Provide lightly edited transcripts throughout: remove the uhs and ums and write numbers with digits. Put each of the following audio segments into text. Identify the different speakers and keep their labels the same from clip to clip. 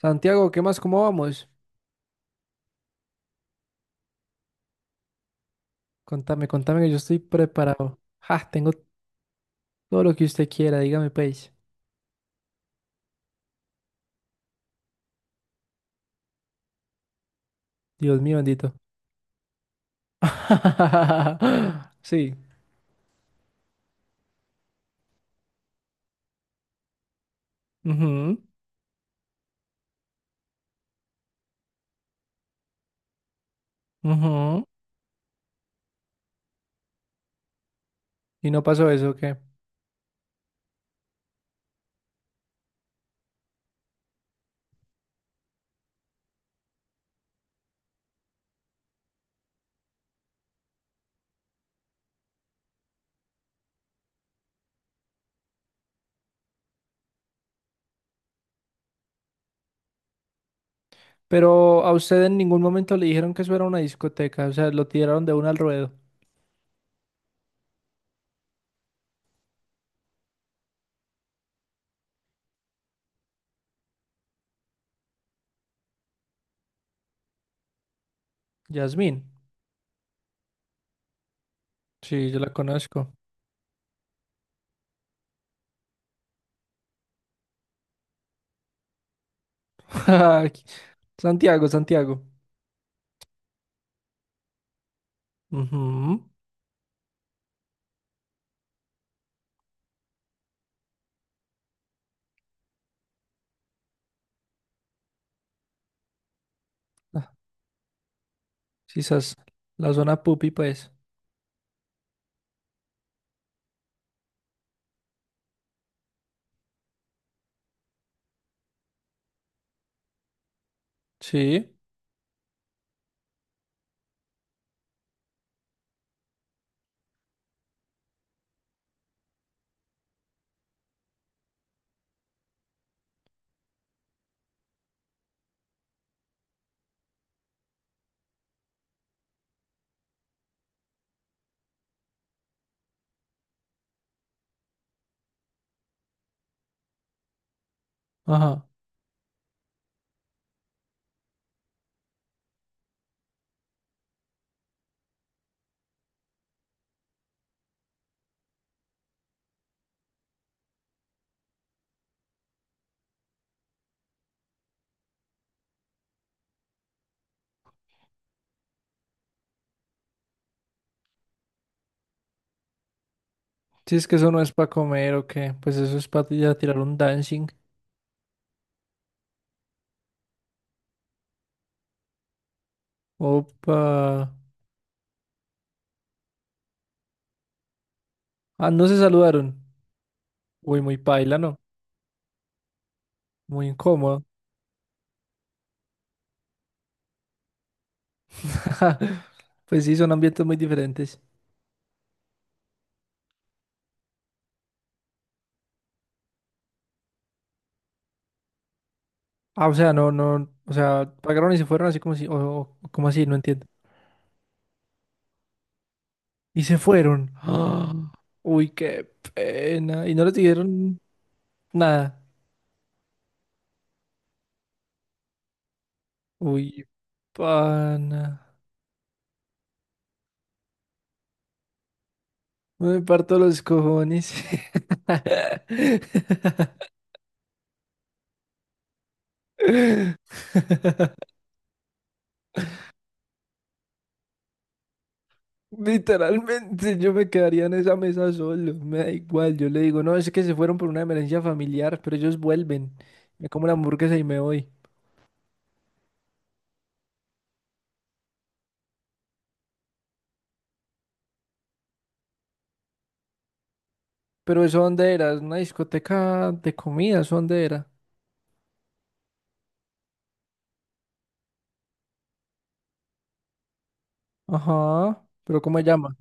Speaker 1: Santiago, ¿qué más? ¿Cómo vamos? Contame, contame que yo estoy preparado. Ja, tengo todo lo que usted quiera, dígame, pues. Dios mío, bendito. Sí. ujú, ujú. Y no pasó eso, ¿o qué? Pero a usted en ningún momento le dijeron que eso era una discoteca, o sea, lo tiraron de una al ruedo. Yasmín. Sí, yo la conozco. Santiago, Santiago. Ujú. Ah, quizás la zona pupi, pues. Sí. Ajá. Si es que eso no es para comer o qué, pues eso es para ya tirar un dancing. Opa. Ah, no se saludaron. Uy, muy paila, ¿no? Muy incómodo. Pues sí, son ambientes muy diferentes. Ah, o sea, no, no, o sea, pagaron y se fueron así como si, como así, no entiendo. Y se fueron. Ah, uy, qué pena. Y no les dijeron nada. Uy, pana. Me parto los cojones. Literalmente yo me quedaría en esa mesa solo, me da igual, yo le digo, no, es que se fueron por una emergencia familiar, pero ellos vuelven, me como la hamburguesa y me voy. Pero eso dónde era, es una discoteca de comida, ¿eso dónde era? Ajá, pero ¿cómo se llama?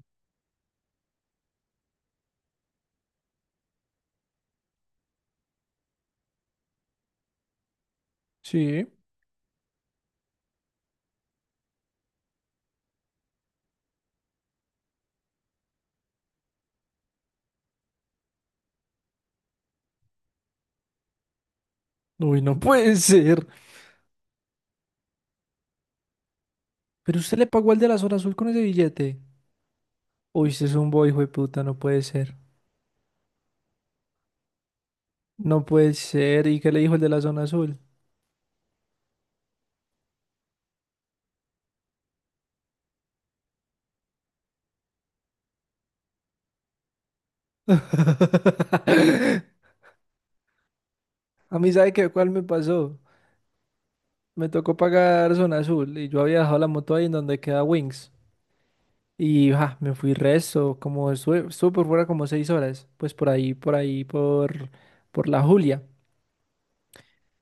Speaker 1: Sí. Uy, no puede ser. ¿Pero usted le pagó al de la zona azul con ese billete? Uy, usted es un boy, hijo de puta, no puede ser. No puede ser, ¿y qué le dijo el de la zona azul? A mí, ¿sabe qué? ¿Cuál me pasó? Me tocó pagar zona azul y yo había dejado la moto ahí en donde queda Wings. Y ja, me fui resto, como estuve por fuera como 6 horas, pues por ahí, por la Julia.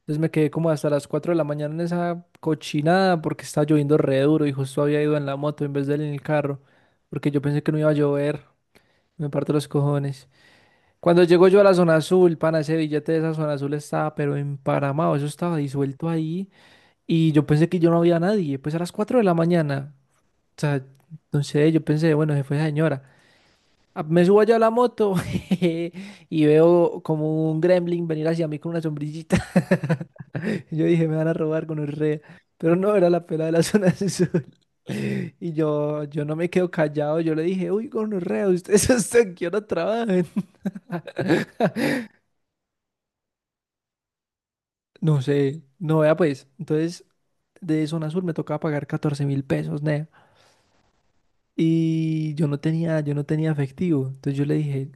Speaker 1: Entonces me quedé como hasta las 4 de la mañana en esa cochinada porque estaba lloviendo re duro y justo había ido en la moto en vez de en el carro, porque yo pensé que no iba a llover. Me parto los cojones. Cuando llego yo a la zona azul, pana, ese billete de esa zona azul estaba pero emparamado, eso estaba disuelto ahí. Y yo pensé que yo no había nadie, pues a las 4 de la mañana. O sea, no sé, yo pensé, bueno, se fue esa señora. Ah, me subo allá a la moto y veo como un gremlin venir hacia mí con una sombrillita. Yo dije, me van a robar con un re. Pero no, era la pela de la zona sur. Y yo no me quedo callado, yo le dije, uy, gonorrea, ustedes hasta qué hora trabajan. No sé, no vea pues. Entonces, de zona sur me tocaba pagar 14.000 pesos. Y yo no tenía efectivo. Entonces yo le dije,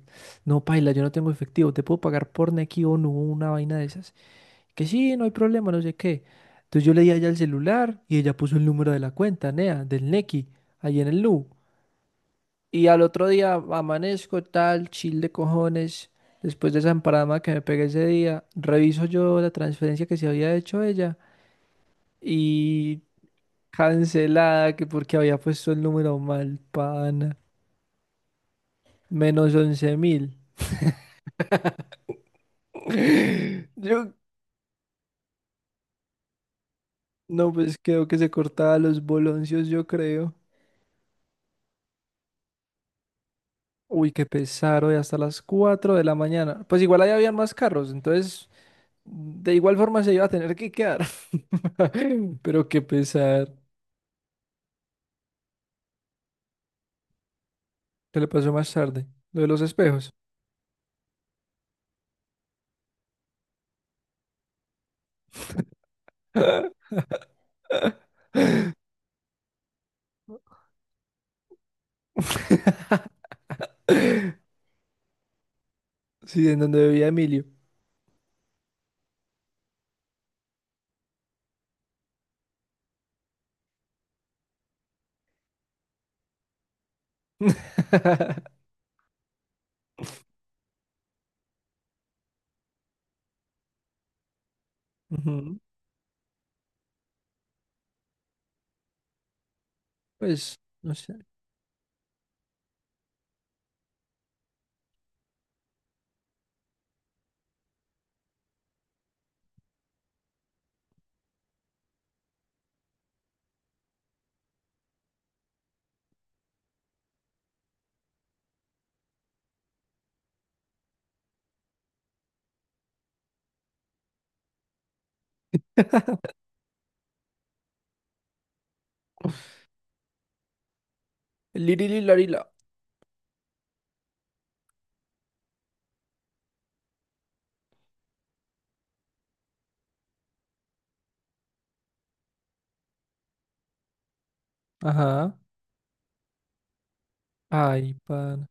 Speaker 1: no, paila, yo no tengo efectivo, te puedo pagar por Nequi o no, una vaina de esas. Que sí, no hay problema, no sé qué. Entonces yo le di a ella el celular y ella puso el número de la cuenta, nea, del Nequi, ahí en el Nu. Y al otro día amanezco tal, chill de cojones. Después de esa emparada que me pegué ese día, reviso yo la transferencia que se había hecho ella y cancelada, que porque había puesto el número mal, pana. Menos 11.000. Yo, no, pues creo que se cortaba los boloncios, yo creo. Uy, qué pesar, hoy hasta las 4 de la mañana. Pues igual ahí habían más carros, entonces de igual forma se iba a tener que quedar. Pero qué pesar. ¿Qué le pasó más tarde? Lo de los espejos. Sí, en donde vivía Emilio. Ujú. Pues, no sé. Lirililarila. Ajá. Ay, pan.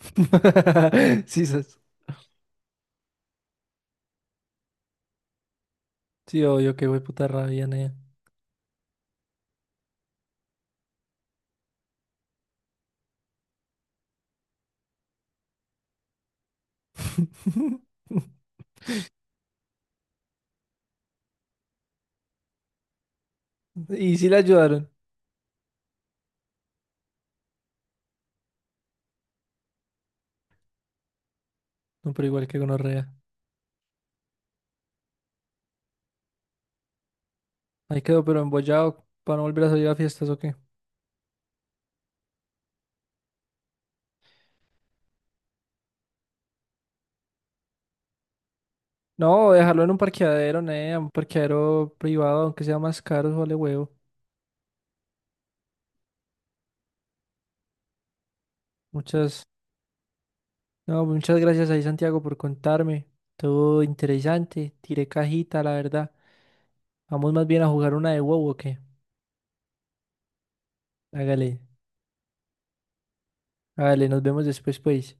Speaker 1: Sí. Sí, obvio que fue puta rabia, nea. Y sí le ayudaron. No, pero igual que gonorrea. Ahí quedó, pero embollado para no volver a salir a fiestas o qué. No, dejarlo en un parqueadero, nea, un parqueadero privado, aunque sea más caro, vale huevo. Muchas, no, muchas gracias ahí, Santiago, por contarme. Todo interesante. Tiré cajita, la verdad. Vamos más bien a jugar una de huevo o qué. Hágale, hágale, nos vemos después, pues.